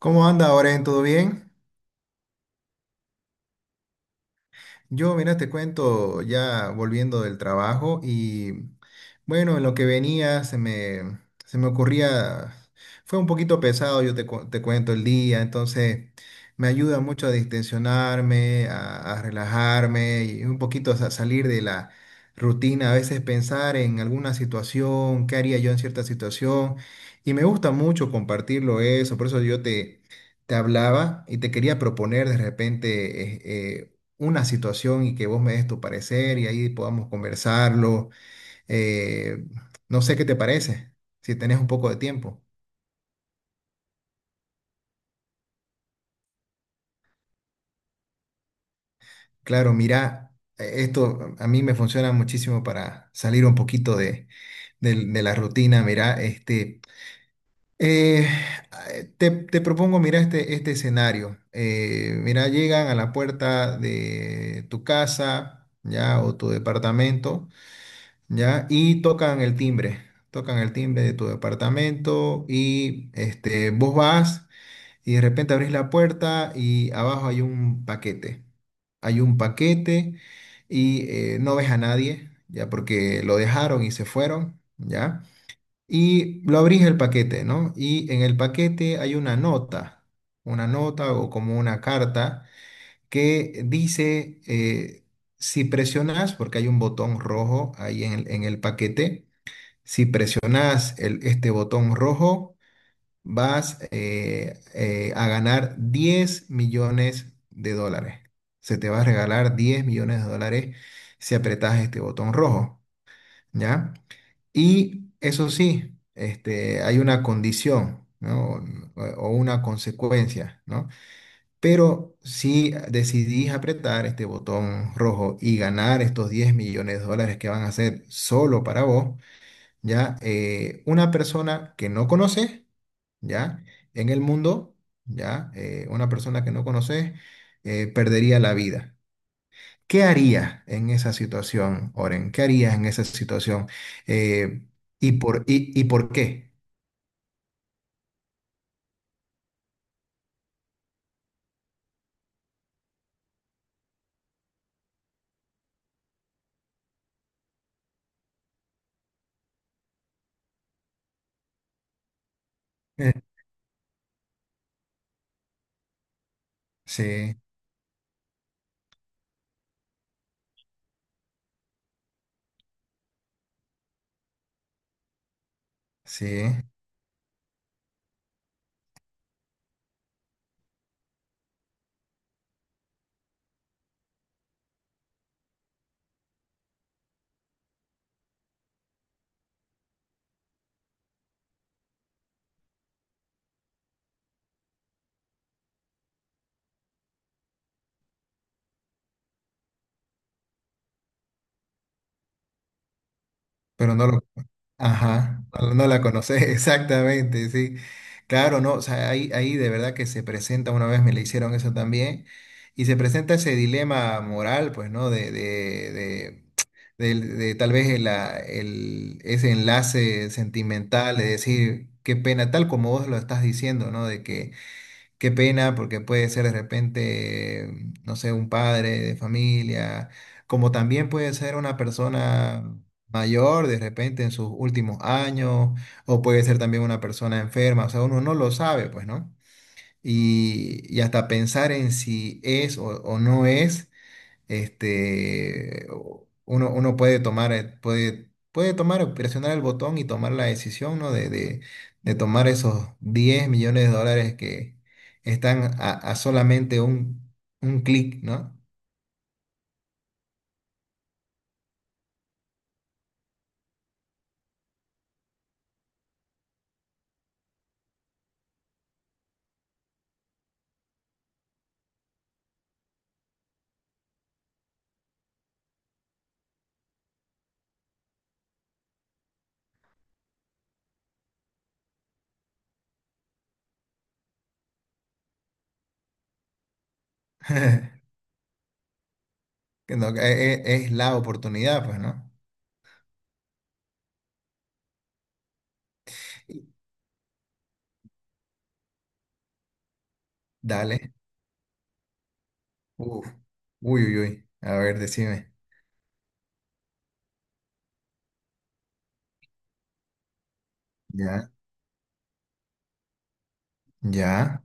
¿Cómo anda, Oren? ¿Todo bien? Yo, mira, te cuento ya volviendo del trabajo y bueno, en lo que venía se me ocurría, fue un poquito pesado, te cuento el día, entonces me ayuda mucho a distensionarme, a relajarme y un poquito a salir de la rutina, a veces pensar en alguna situación, qué haría yo en cierta situación y me gusta mucho compartirlo eso, por eso yo te... Te hablaba y te quería proponer de repente eh, una situación y que vos me des tu parecer y ahí podamos conversarlo. eh, no sé qué te parece, si tenés un poco de tiempo. Claro, mira, esto a mí me funciona muchísimo para salir un poquito de la rutina. Mira, eh, te propongo, mira, este escenario. Mira, llegan a la puerta de tu casa, ya, o tu departamento. ¿Ya? Y tocan el timbre de tu departamento y este, vos vas y de repente abrís la puerta y abajo hay un paquete y no ves a nadie, ¿ya? Porque lo dejaron y se fueron, ¿ya? Y lo abrís el paquete, ¿no? Y en el paquete hay una nota o como una carta que dice si presionas, porque hay un botón rojo ahí en en el paquete, si presionas este botón rojo, vas a ganar $10,000,000. Se te va a regalar $10,000,000 si apretas este botón rojo, ¿ya? Y eso sí, este, hay una condición, ¿no? O una consecuencia, ¿no? Pero si decidís apretar este botón rojo y ganar estos $10,000,000 que van a ser solo para vos, ya una persona que no conoces, ya en el mundo, ya una persona que no conoces perdería la vida. ¿Qué harías en esa situación, Oren? ¿Qué harías en esa situación? Eh, ¿Y por qué? Eh, Sí, sí, pero no lo... Ajá, no, no la conoces, exactamente, sí. Claro, no, o sea, ahí, ahí de verdad que se presenta, una vez me le hicieron eso también, y se presenta ese dilema moral, pues, ¿no? De tal vez ese enlace sentimental, de decir, qué pena, tal como vos lo estás diciendo, ¿no? De que... Qué pena, porque puede ser de repente, no sé, un padre de familia, como también puede ser una persona mayor de repente en sus últimos años, o puede ser también una persona enferma, o sea, uno no lo sabe, pues, ¿no? Y hasta pensar en si es o no es, este, uno puede tomar, puede tomar, presionar el botón y tomar la decisión, ¿no? De tomar esos $10,000,000 que están a solamente un clic, ¿no? Que no, es la oportunidad, pues, ¿no? Dale. Uf. Uy, uy, uy. A ver, decime. Ya, ya,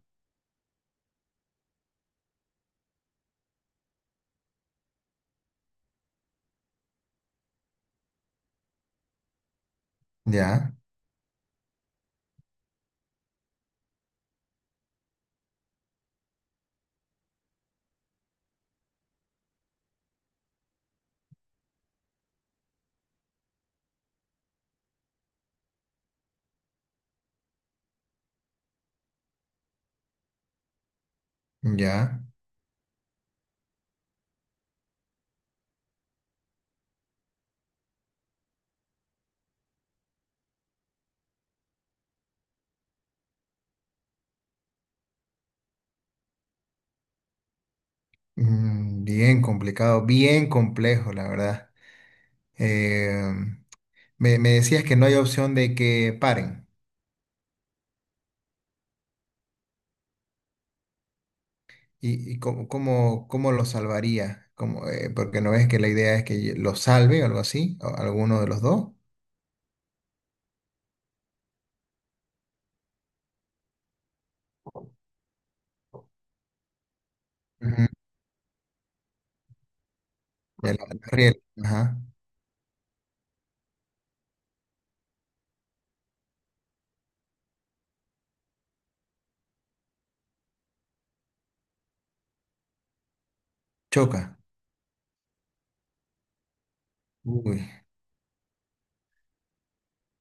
ya, ya. Mm, bien complicado, bien complejo, la verdad. Em, me decías que no hay opción de que paren. ¿Y, cómo lo salvaría? ¿Cómo, porque no ves que la idea es que lo salve o algo así, o alguno de los dos. Ujú. El riel, ajá. Choca. Uy,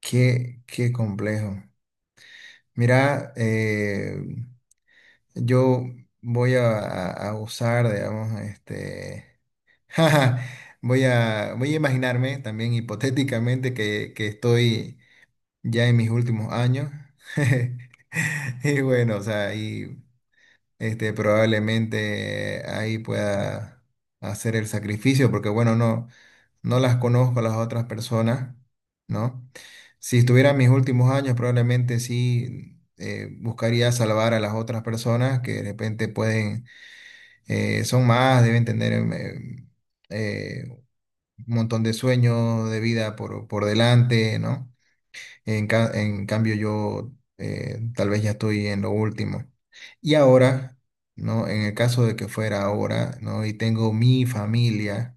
qué, qué complejo. Mira, yo voy a usar, digamos, este. Jaja, voy voy a imaginarme también hipotéticamente que estoy ya en mis últimos años. Y bueno, o sea, y este, probablemente ahí pueda hacer el sacrificio, porque bueno, no, no las conozco a las otras personas, ¿no? Si estuviera en mis últimos años, probablemente sí buscaría salvar a las otras personas que de repente pueden, son más, deben tener eh, un montón de sueños de vida por delante, ¿no? En cambio, yo tal vez ya estoy en lo último. Y ahora, ¿no? En el caso de que fuera ahora, ¿no? Y tengo mi familia,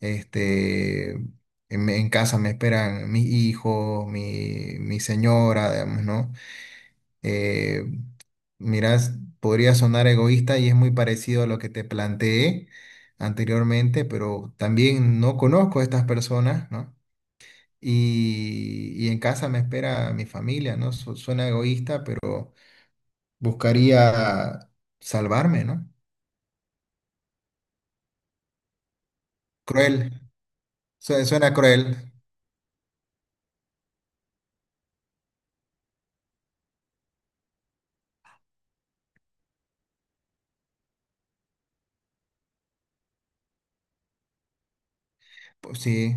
este, en casa me esperan mis hijos, mi señora, digamos, ¿no? Eh, mirás, podría sonar egoísta y es muy parecido a lo que te planteé anteriormente, pero también no conozco a estas personas, ¿no? Y en casa me espera mi familia, ¿no? Suena egoísta, pero buscaría salvarme, ¿no? Cruel, suena cruel, pues sí,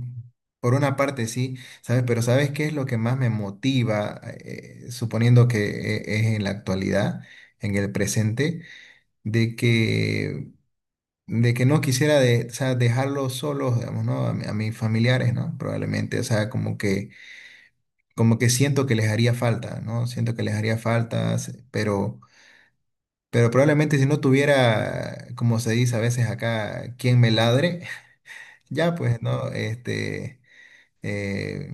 por una parte sí, ¿sabes? Pero ¿sabes qué es lo que más me motiva, suponiendo que es en la actualidad, en el presente, de que... de que no quisiera o sea, dejarlos solos, digamos, ¿no? A, a mis familiares, ¿no? Probablemente, o sea, como que siento que les haría falta, ¿no? Siento que les haría falta, pero, probablemente si no tuviera, como se dice a veces acá, quien me ladre, ya pues, ¿no? Este, eh,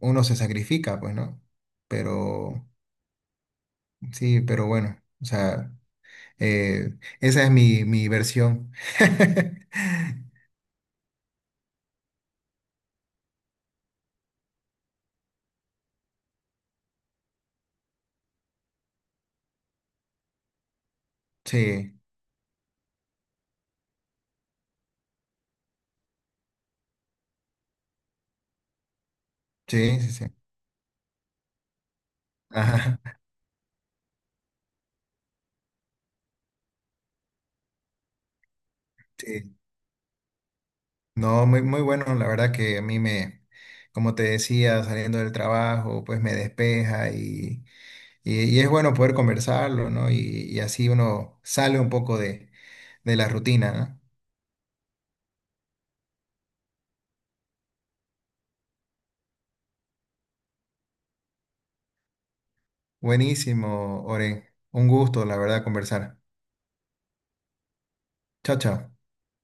uno se sacrifica, pues, ¿no? Pero, sí, pero bueno, o sea, eh, esa es mi versión. Sí, sí, sí, sí. Ajá, sí. No, muy, muy bueno, la verdad que a mí me, como te decía, saliendo del trabajo, pues me despeja y es bueno poder conversarlo, ¿no? Y así uno sale un poco de la rutina, ¿no? Buenísimo, Oren. Un gusto, la verdad, conversar. Chao, chao.